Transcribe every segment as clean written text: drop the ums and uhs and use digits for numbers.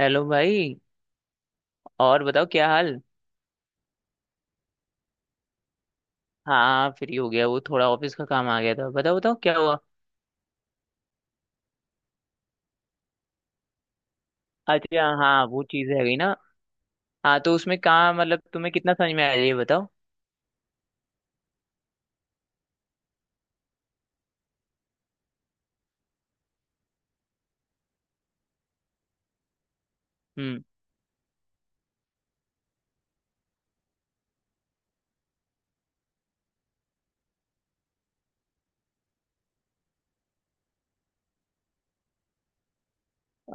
Hello भाई। और बताओ क्या हाल। हाँ फ्री हो गया, वो थोड़ा ऑफिस का काम आ गया था। बताओ बताओ क्या हुआ। अच्छा हाँ, वो चीज़ है गई ना। हाँ तो उसमें काम मतलब तुम्हें कितना समझ में आया ये बताओ। हम्म।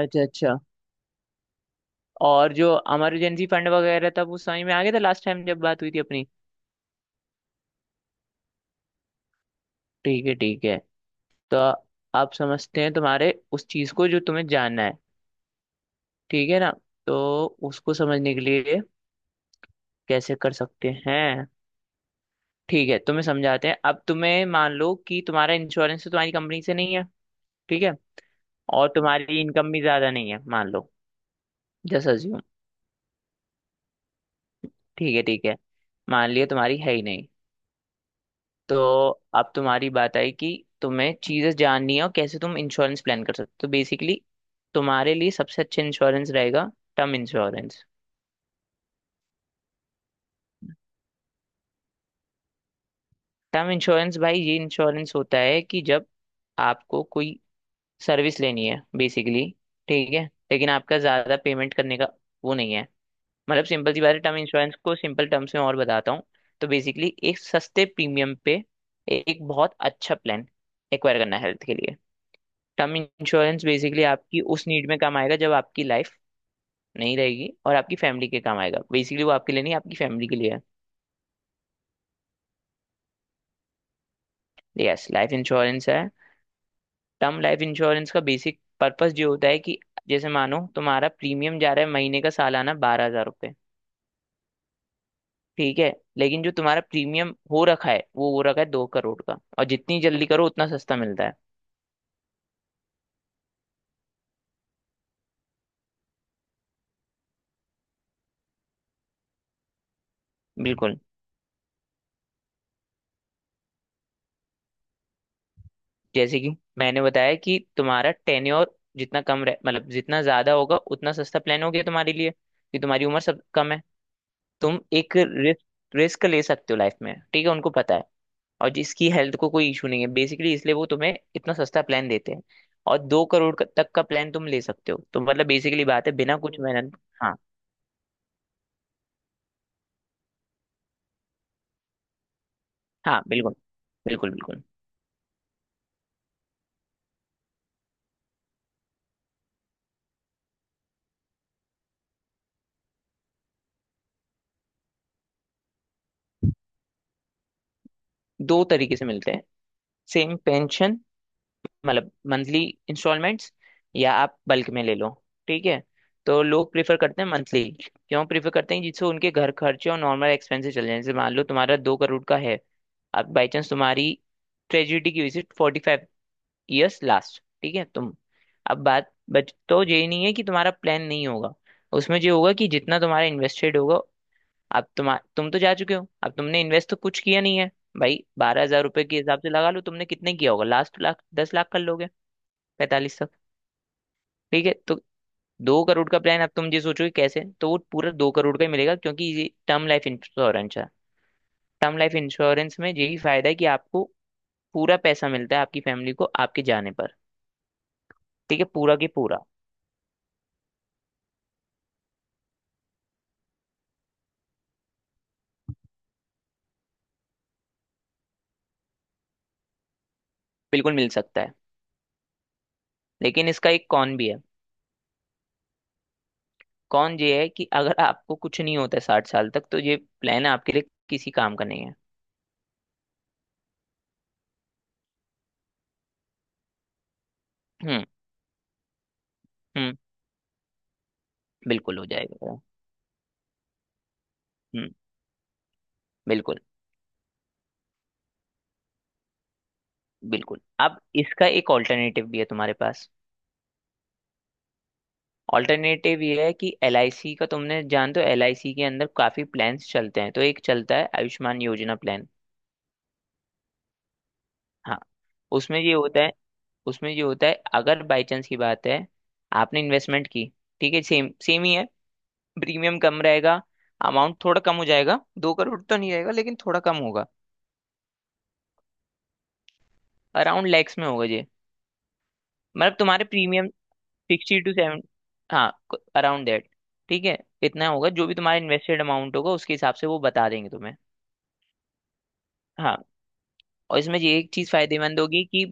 अच्छा अच्छा। और जो इमरजेंसी फंड वगैरह था वो समझ में आ गया था लास्ट टाइम जब बात हुई थी अपनी। ठीक है। तो आप समझते हैं तुम्हारे उस चीज़ को जो तुम्हें जानना है। ठीक है ना। तो उसको समझने के लिए कैसे कर सकते हैं। ठीक है तुम्हें समझाते हैं। अब तुम्हें, मान लो कि तुम्हारा इंश्योरेंस तो तुम्हारी कंपनी से नहीं है। ठीक है। और तुम्हारी इनकम भी ज्यादा नहीं है मान लो। Just assume. ठीक है। मान लिया तुम्हारी है ही नहीं। तो अब तुम्हारी बात आई कि तुम्हें चीजें जाननी है और कैसे तुम इंश्योरेंस प्लान कर सकते हो। तो बेसिकली तुम्हारे लिए सबसे अच्छा इंश्योरेंस रहेगा टर्म इंश्योरेंस। टर्म इंश्योरेंस भाई ये इंश्योरेंस होता है कि जब आपको कोई सर्विस लेनी है बेसिकली। ठीक है। लेकिन आपका ज़्यादा पेमेंट करने का वो नहीं है। मतलब सिंपल सी बात है, टर्म इंश्योरेंस को सिंपल टर्म्स में और बताता हूँ। तो बेसिकली एक सस्ते प्रीमियम पे एक बहुत अच्छा प्लान एक्वायर करना है हेल्थ के लिए। टर्म इंश्योरेंस बेसिकली आपकी उस नीड में काम आएगा जब आपकी लाइफ नहीं रहेगी और आपकी फैमिली के काम आएगा। बेसिकली वो आपके लिए नहीं, आपकी फैमिली के लिए है। यस लाइफ इंश्योरेंस है। टर्म लाइफ इंश्योरेंस का बेसिक पर्पस जो होता है कि जैसे मानो तुम्हारा प्रीमियम जा रहा है महीने का सालाना बारह हजार। ठीक है। लेकिन जो तुम्हारा प्रीमियम हो रखा है वो हो रखा है दो करोड़ का। और जितनी जल्दी करो उतना सस्ता मिलता है। बिल्कुल। जैसे कि मैंने बताया कि तुम्हारा टेन्योर जितना कम रह मतलब जितना ज्यादा होगा उतना सस्ता प्लान हो गया तुम्हारे लिए, कि तुम्हारी उम्र सब कम है। तुम एक रिस्क रिस्क ले सकते हो लाइफ में। ठीक है, उनको पता है। और जिसकी हेल्थ को कोई इशू नहीं है बेसिकली, इसलिए वो तुम्हें इतना सस्ता प्लान देते हैं। और दो करोड़ का- तक का प्लान तुम ले सकते हो, तो मतलब बेसिकली बात है बिना कुछ मेहनत। हाँ हाँ। बिल्कुल बिल्कुल बिल्कुल। दो तरीके से मिलते हैं। सेम पेंशन, मतलब मंथली इंस्टॉलमेंट्स, या आप बल्क में ले लो। ठीक है। तो लोग प्रेफर करते हैं मंथली, क्यों प्रेफर करते हैं, जिससे उनके घर खर्चे और नॉर्मल एक्सपेंसेस चल जाए। जैसे मान लो तुम्हारा दो करोड़ का है। अब बाई चांस तुम्हारी ट्रेजिडी की visit forty five years last, ठीक है, तुम अब बात बच, तो ये नहीं है कि तुम्हारा प्लान नहीं होगा। उसमें जो होगा कि जितना तुम्हारा इन्वेस्टेड होगा। अब तुम, तुम जा चुके हो, अब तुमने इन्वेस्ट तो कुछ किया नहीं है। भाई बारह हजार रुपए के हिसाब से लगा लो, तुमने कितने किया होगा लास्ट, लाख दस लाख कर लोगे पैंतालीस तक। ठीक है। तो दो करोड़ का प्लान अब तुम ये सोचोगे कैसे, तो वो पूरा दो करोड़ का ही मिलेगा, क्योंकि ये टर्म लाइफ इंश्योरेंस है। टर्म लाइफ इंश्योरेंस में यही फायदा है कि आपको पूरा पैसा मिलता है आपकी फैमिली को, आपके जाने पर। ठीक है, पूरा के पूरा। बिल्कुल मिल सकता है, लेकिन इसका एक कॉन भी है। कॉन ये है कि अगर आपको कुछ नहीं होता है साठ साल तक, तो ये प्लान आपके लिए किसी काम का नहीं है। हम्म। हम्म। बिल्कुल हो जाएगा। हम्म। बिल्कुल। बिल्कुल, अब इसका एक ऑल्टरनेटिव भी है तुम्हारे पास। ऑल्टरनेटिव ये है कि एल आई सी का, तुमने जानते हो एल आई सी के अंदर काफी प्लान्स चलते हैं, तो एक चलता है आयुष्मान योजना प्लान। हाँ। उसमें ये होता है उसमें ये होता है अगर बाई चांस की बात है आपने इन्वेस्टमेंट की। ठीक है, सेम सेम ही है। प्रीमियम कम रहेगा, अमाउंट थोड़ा कम हो जाएगा। दो करोड़ तो नहीं रहेगा, लेकिन थोड़ा कम होगा। अराउंड लैक्स में होगा ये। मतलब तुम्हारे प्रीमियम सिक्सटी टू सेवन। हाँ, अराउंड दैट। ठीक है। इतना होगा, जो भी तुम्हारा इन्वेस्टेड अमाउंट होगा उसके हिसाब से वो बता देंगे तुम्हें। हाँ। और इसमें ये एक चीज फायदेमंद होगी कि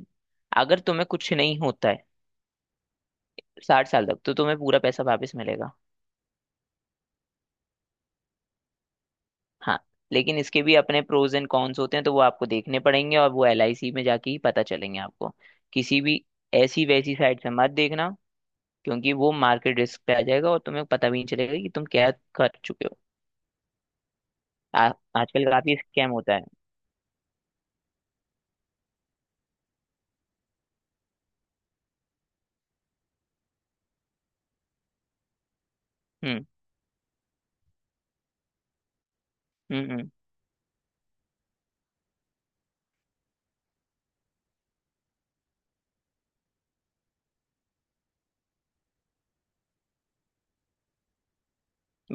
अगर तुम्हें कुछ नहीं होता है साठ साल तक, तो तुम्हें पूरा पैसा वापस मिलेगा। हाँ। लेकिन इसके भी अपने प्रोज एंड कॉन्स होते हैं, तो वो आपको देखने पड़ेंगे, और वो एलआईसी में जाके ही पता चलेंगे आपको। किसी भी ऐसी वैसी साइट से मत देखना, क्योंकि वो मार्केट रिस्क पे आ जाएगा और तुम्हें पता भी नहीं चलेगा कि तुम क्या कर चुके हो। आ, आजकल काफी स्कैम होता है। हम्म हम्म हम्म।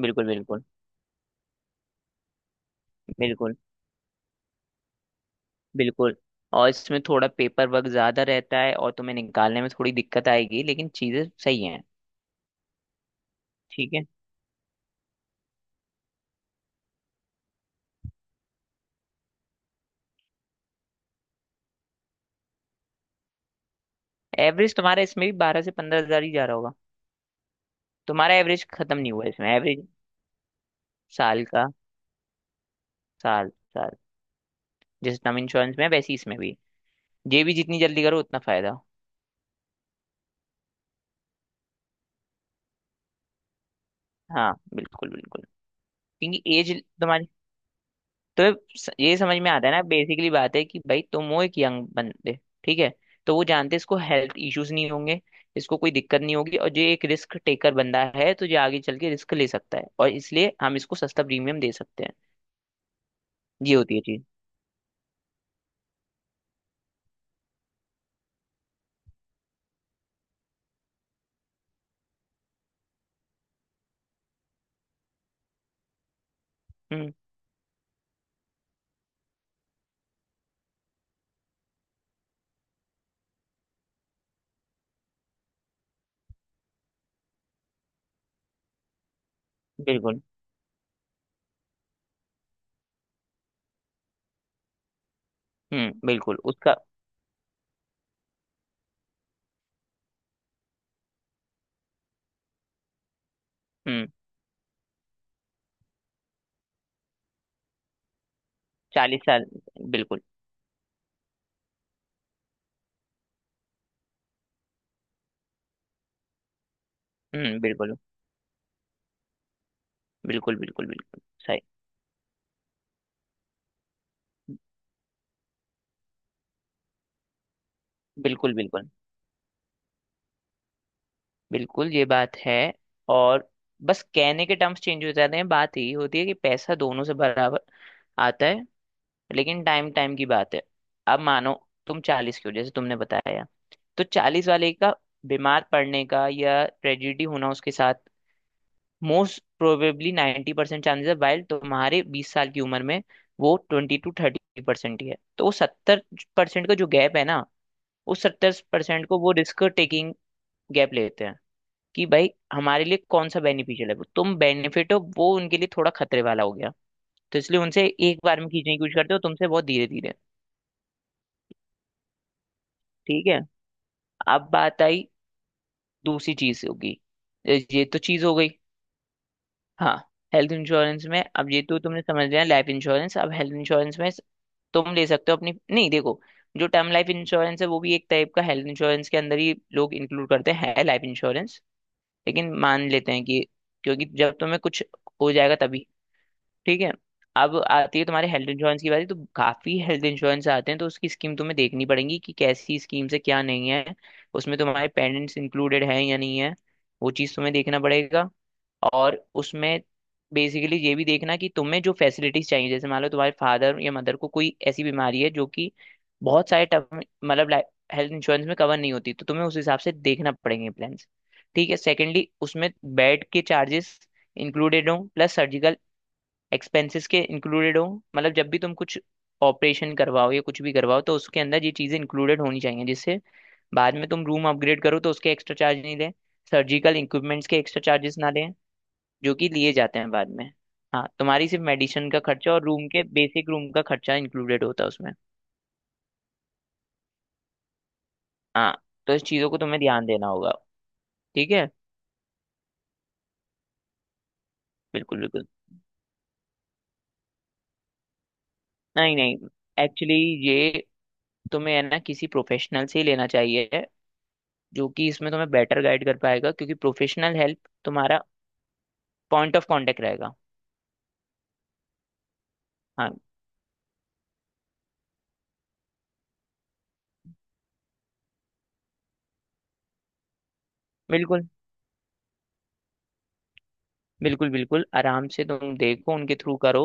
बिल्कुल बिल्कुल बिल्कुल बिल्कुल। और इसमें थोड़ा पेपर वर्क ज्यादा रहता है और तुम्हें निकालने में थोड़ी दिक्कत आएगी, लेकिन चीजें सही हैं। ठीक है। एवरेज तुम्हारा इसमें भी बारह से पंद्रह हजार ही जा रहा होगा। तुम्हारा एवरेज खत्म नहीं हुआ, इसमें एवरेज साल का। साल। साल। जैसे टर्म इंश्योरेंस में है, वैसे ही इसमें भी ये भी जितनी जल्दी करो उतना फायदा। हाँ बिल्कुल बिल्कुल, क्योंकि एज, तो ये समझ में आता है ना। बेसिकली बात है कि भाई तुम हो एक यंग बंदे। ठीक है। तो वो जानते हैं इसको हेल्थ इश्यूज नहीं होंगे, इसको कोई दिक्कत नहीं होगी, और जो एक रिस्क टेकर बंदा है, तो जो आगे चल के रिस्क ले सकता है, और इसलिए हम इसको सस्ता प्रीमियम दे सकते हैं। ये होती है चीज। हम्म। बिल्कुल। हम्म। बिल्कुल उसका। हम्म। चालीस साल। बिल्कुल। हम्म। बिल्कुल बिल्कुल बिल्कुल बिल्कुल। सही। बिल्कुल बिल्कुल बिल्कुल ये बात है। और बस कहने के टर्म्स चेंज हो जाते हैं, बात यही होती है कि पैसा दोनों से बराबर आता है, लेकिन टाइम टाइम की बात है। अब मानो तुम चालीस की हो जैसे तुमने बताया, तो चालीस वाले का बीमार पड़ने का या ट्रेजिडी होना उसके साथ मोस्ट प्रोबेबली 90% परसेंट चांसेस है, वाइल तुम्हारे बीस साल की उम्र में वो ट्वेंटी टू थर्टी परसेंट ही है। तो वो सत्तर परसेंट का जो गैप है ना, उस सत्तर परसेंट को वो रिस्क टेकिंग गैप लेते हैं, कि भाई हमारे लिए कौन सा बेनिफिशियल है। तुम बेनिफिट हो, वो उनके लिए थोड़ा खतरे वाला हो गया। तो इसलिए उनसे एक बार में खींचने की कोशिश करते हो, तुमसे बहुत धीरे धीरे। ठीक है। अब बात आई, दूसरी चीज होगी। ये तो चीज हो गई। हाँ। हेल्थ इंश्योरेंस में अब ये तो तुमने समझ लिया लाइफ इंश्योरेंस, अब हेल्थ इंश्योरेंस में तुम ले सकते हो अपनी। नहीं देखो, जो टर्म लाइफ इंश्योरेंस है वो भी एक टाइप का हेल्थ इंश्योरेंस के अंदर ही लोग इंक्लूड करते हैं लाइफ इंश्योरेंस। लेकिन मान लेते हैं कि, क्योंकि जब तुम्हें कुछ हो जाएगा तभी। ठीक है। अब आती है तुम्हारे हेल्थ इंश्योरेंस की बारी। तो काफी हेल्थ इंश्योरेंस आते हैं, तो उसकी स्कीम तुम्हें देखनी पड़ेगी कि कैसी स्कीम से क्या नहीं है। उसमें तुम्हारे पेरेंट्स इंक्लूडेड है या नहीं है, वो चीज़ तुम्हें देखना पड़ेगा। और उसमें बेसिकली ये भी देखना कि तुम्हें जो फैसिलिटीज चाहिए, जैसे मान लो तुम्हारे फादर या मदर को कोई ऐसी बीमारी है जो कि बहुत सारे टर्म मतलब हेल्थ इंश्योरेंस में कवर नहीं होती, तो तुम्हें उस हिसाब से देखना पड़ेंगे प्लान्स। ठीक है। सेकेंडली उसमें बेड के चार्जेस इंक्लूडेड हों, प्लस सर्जिकल एक्सपेंसेस के इंक्लूडेड हो। मतलब जब भी तुम कुछ ऑपरेशन करवाओ या कुछ भी करवाओ, तो उसके अंदर ये चीज़ें इंक्लूडेड होनी चाहिए, जिससे बाद में तुम रूम अपग्रेड करो तो उसके एक्स्ट्रा चार्ज नहीं लें, सर्जिकल इक्विपमेंट्स के एक्स्ट्रा चार्जेस ना लें, जो कि लिए जाते हैं बाद में। हाँ, तुम्हारी सिर्फ मेडिसिन का खर्चा और रूम के बेसिक रूम का खर्चा इंक्लूडेड होता है उसमें। हाँ। तो इस चीज़ों को तुम्हें ध्यान देना होगा। ठीक है। बिल्कुल बिल्कुल। नहीं नहीं, एक्चुअली ये तुम्हें है ना किसी प्रोफेशनल से ही लेना चाहिए, जो कि इसमें तुम्हें बेटर गाइड कर पाएगा, क्योंकि प्रोफेशनल हेल्प तुम्हारा पॉइंट ऑफ कांटेक्ट रहेगा। हाँ। बिल्कुल बिल्कुल बिल्कुल, आराम से तुम देखो, उनके थ्रू करो।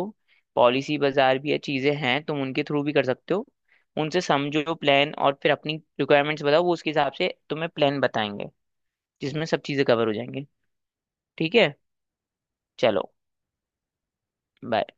पॉलिसी बाजार भी ये चीज़ें हैं, तुम उनके थ्रू भी कर सकते हो। उनसे समझो प्लान और फिर अपनी रिक्वायरमेंट्स बताओ, वो उसके हिसाब से तुम्हें प्लान बताएंगे जिसमें सब चीज़ें कवर हो जाएंगी। ठीक है। चलो, बाय।